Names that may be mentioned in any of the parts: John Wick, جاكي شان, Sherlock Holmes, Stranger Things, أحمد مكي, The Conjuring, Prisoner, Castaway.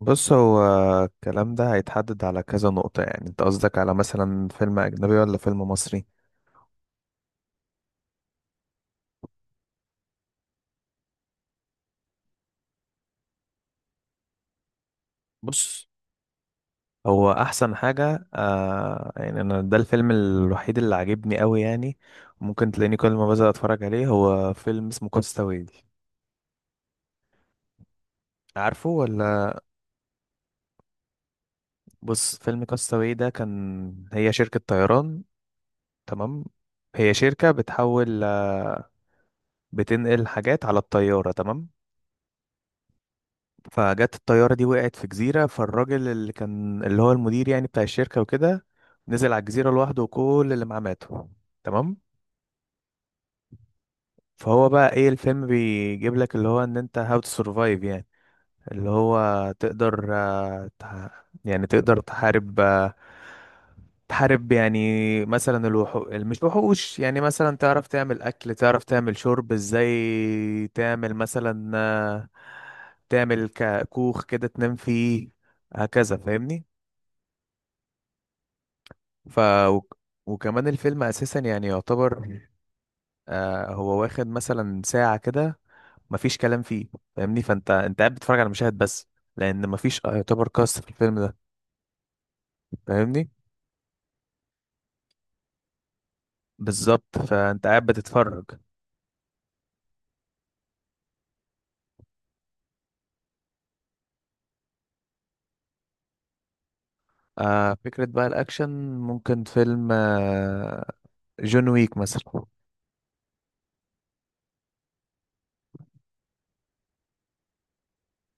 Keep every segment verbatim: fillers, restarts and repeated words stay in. بص هو الكلام ده هيتحدد على كذا نقطة، يعني انت قصدك على مثلا فيلم أجنبي ولا فيلم مصري؟ بص، هو أحسن حاجة آه يعني أنا، ده الفيلم الوحيد اللي عاجبني أوي يعني. ممكن تلاقيني كل ما بزهق أتفرج عليه، هو فيلم اسمه كاستاوي. عارفه ولا؟ بص، فيلم كاستاوي ده كان هي شركة طيران. تمام. هي شركة بتحول آه، بتنقل حاجات على الطيارة. تمام. فجت الطيارة دي وقعت في جزيرة، فالراجل اللي كان اللي هو المدير يعني بتاع الشركة وكده نزل على الجزيرة لوحده وكل اللي معاه ماتوا. تمام. فهو بقى ايه، الفيلم بيجيب لك اللي هو ان انت هاو تو سرفايف يعني. اللي هو تقدر آه، تح... يعني تقدر تحارب، آه، تحارب يعني مثلا الوحوش، مش وحوش يعني، مثلا تعرف تعمل أكل، تعرف تعمل شرب ازاي، تعمل مثلا آه، تعمل كوخ كده تنام فيه. هكذا، فاهمني؟ ف وك- وكمان الفيلم أساسا يعني يعتبر آه، هو واخد مثلا ساعة كده، مفيش كلام فيه. فاهمني؟ فانت انت قاعد بتتفرج على مشاهد بس، لأن مفيش يعتبر قصة في الفيلم ده. فاهمني؟ بالظبط، فانت قاعد بتتفرج. آه، فكرة بقى الأكشن، ممكن فيلم آه، جون ويك مثلا.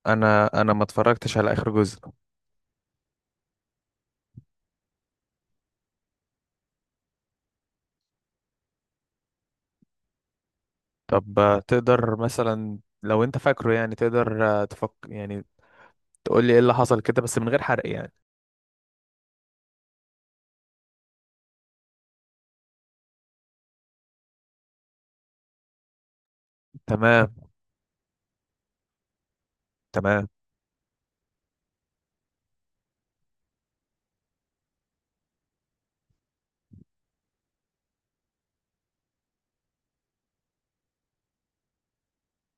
أنا أنا ما اتفرجتش على آخر جزء. طب آه، تقدر مثلا لو أنت فاكره يعني، تقدر آه تفك يعني، تقول لي إيه اللي حصل كده بس من غير حرق يعني. تمام. تمام.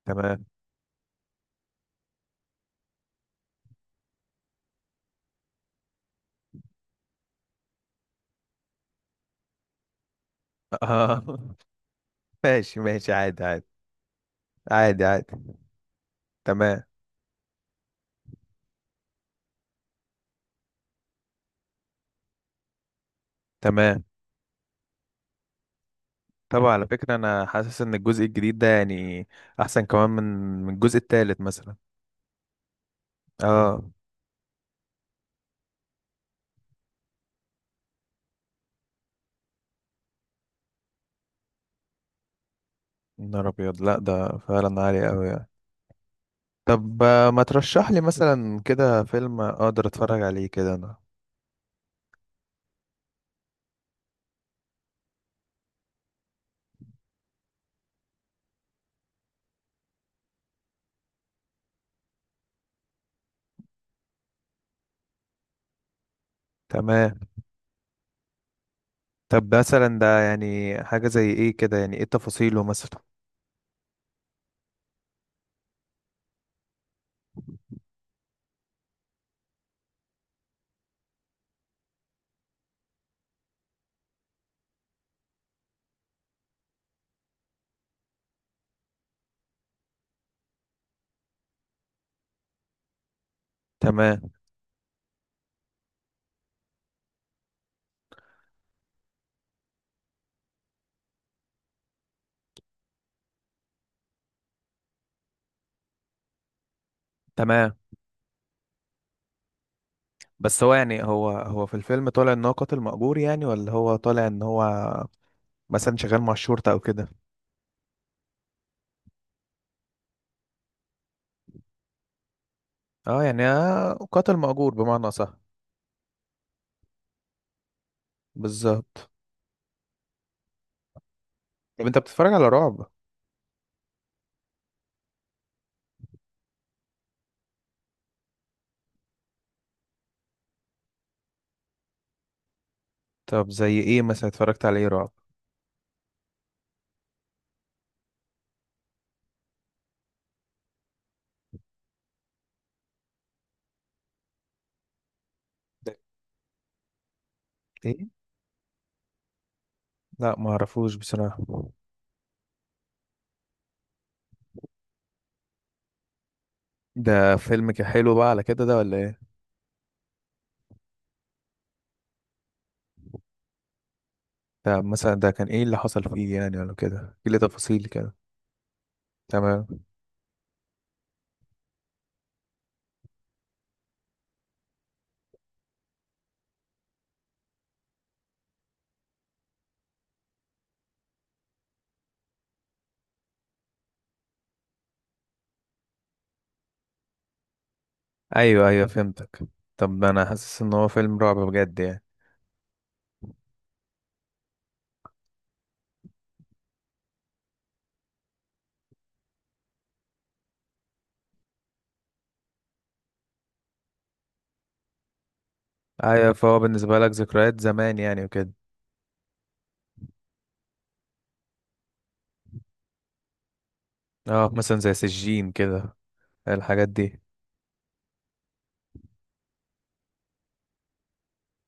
تمام. آه. ماشي ماشي، عادي عادي. عادي عادي. تمام. تمام. طبعا على فكرة أنا حاسس إن الجزء الجديد ده يعني أحسن كمان من، من الجزء التالت مثلا. اه. نهار أبيض! لأ ده فعلا عالي أوي يعني. طب آه، ما ترشح لي مثلا كده فيلم أقدر أتفرج عليه كده أنا. تمام. طب مثلا ده يعني حاجة زي إيه كده، يعني إيه تفاصيله مثلا؟ تمام. تمام. بس هو يعني، هو هو في الفيلم طالع إن هو قاتل مأجور يعني، ولا هو طالع إن هو مثلا شغال مع الشرطة أو كده؟ أه، يعني آه، قاتل مأجور بمعنى صح. بالظبط. طب أنت بتتفرج على رعب؟ طب زي إيه مثلا اتفرجت على إيه رعب؟ ده ايه؟ لا ما اعرفوش بصراحة. ده فيلم كان حلو بقى على كده ده ولا ايه؟ ده مثلا ده كان ايه اللي حصل فيه يعني، ولا كده ايه اللي تفاصيل كده؟ تمام. ايوه ايوه فهمتك. طب انا حاسس ان هو فيلم رعب بجد يعني. ايوه، فهو بالنسبة لك ذكريات زمان يعني وكده. اه مثلا زي سجين كده، الحاجات دي.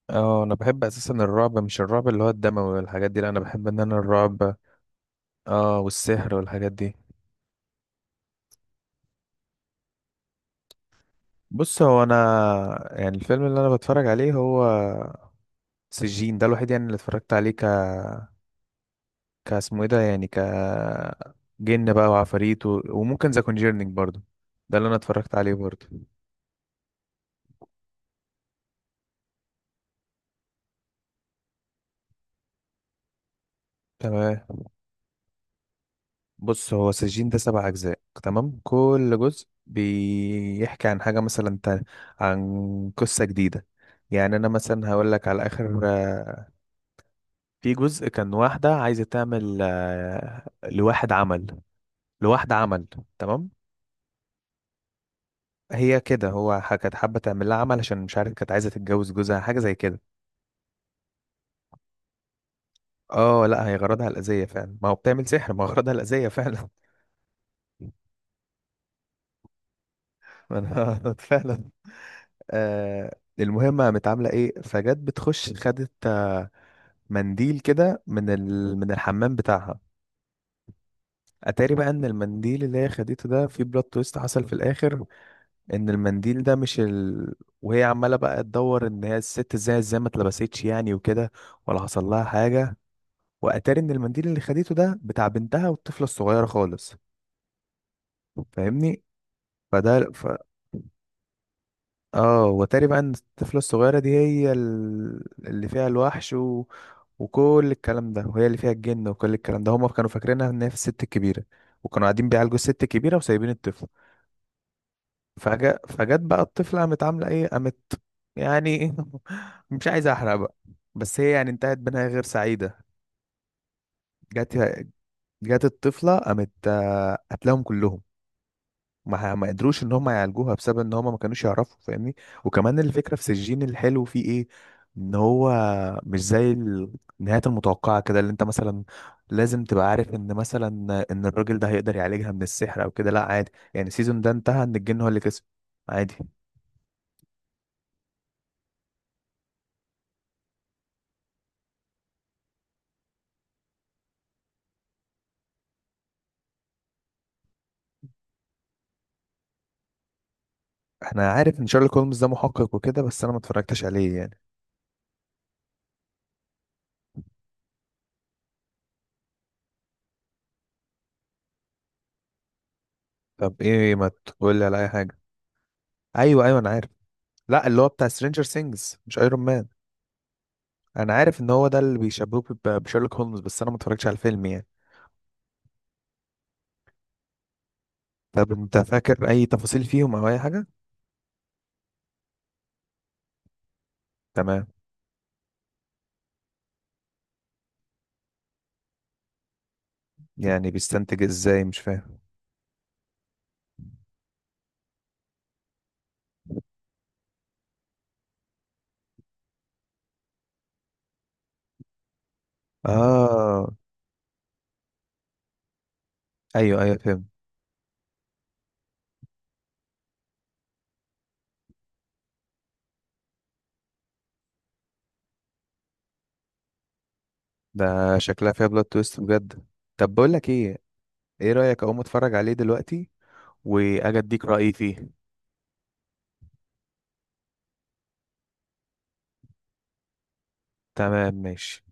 اه انا بحب اساسا الرعب، مش الرعب اللي هو الدموي والحاجات دي، لا انا بحب ان انا الرعب، اه، والسحر والحاجات دي. بص هو انا، يعني الفيلم اللي انا بتفرج عليه هو سجين. ده الوحيد يعني اللي اتفرجت عليه ك، كاسمه ايه ده يعني، ك، جن بقى وعفاريت و... وممكن ذا كونجيرنينج برضو، ده اللي انا اتفرجت عليه برضو. تمام. بص هو سجين ده سبع اجزاء، تمام، كل جزء بيحكي عن حاجة مثلا تانية، عن قصة جديدة. يعني انا مثلا هقول لك على اخر آه، في جزء، كان واحدة عايزة تعمل آه، لواحد عمل، لواحدة عمل. تمام. هي كده هو ح- كانت حابة تعمل لها عمل عشان مش عارف كانت عايزة تتجوز جوزها، حاجة زي كده. اه لا هي غرضها الأذية فعلا، ما هو بتعمل سحر، ما هو غرضها الأذية فعلا. ما انا فعلا. آه، المهم قامت عاملة ايه، فجت بتخش خدت آه، منديل كده من ال... من الحمام بتاعها. اتاري بقى ان المنديل اللي هي خدته ده، في بلوت تويست حصل في الاخر، ان المنديل ده مش ال... وهي عمالة بقى تدور ان هي الست ازاي ازاي ما اتلبستش يعني وكده، ولا حصل لها حاجة. واتاري ان المنديل اللي خدته ده بتاع بنتها، والطفلة الصغيرة خالص. فاهمني؟ فده، اه، واتاري بقى ان الطفلة الصغيرة دي هي ال- اللي فيها الوحش و... وكل الكلام ده، وهي اللي فيها الجن وكل الكلام ده. هما كانوا فاكرينها ان هي في الست الكبيرة، وكانوا قاعدين بيعالجوا الست الكبيرة وسايبين الطفل. فجأة فجت بقى الطفلة قامت عاملة ايه، قامت يعني، مش عايز احرق بقى، بس هي يعني انتهت بنهاية غير سعيدة. جت، جت الطفلة قامت آه، قتلهم كلهم. ما ما قدروش ان هم يعالجوها بسبب ان هم ما كانوش يعرفوا. فاهمني؟ وكمان الفكره في سجين الحلو فيه ايه، ان هو مش زي النهايات المتوقعه كده، اللي انت مثلا لازم تبقى عارف ان مثلا ان الراجل ده هيقدر يعالجها من السحر او كده. لا عادي يعني، السيزون ده انتهى ان الجن هو اللي كسب، عادي. احنا عارف ان شارلوك هولمز ده محقق وكده، بس انا ما اتفرجتش عليه يعني. طب ايه، ما تقول لي على اي حاجه. ايوه ايوه انا عارف. لا اللي هو بتاع سترينجر سينجز، مش ايرون مان. انا عارف ان هو ده اللي بيشبهوه ب- بشيرلوك هولمز، بس انا ما اتفرجتش على الفيلم يعني. طب انت فاكر اي تفاصيل فيهم او اي حاجه؟ تمام. يعني بيستنتج ازاي، مش فاهم. اه. ايوه ايوه فهمت. ده شكلها فيها بلوت تويست بجد. طب بقول لك ايه، ايه رايك اقوم اتفرج عليه دلوقتي واجي اديك رايي فيه؟ تمام ماشي.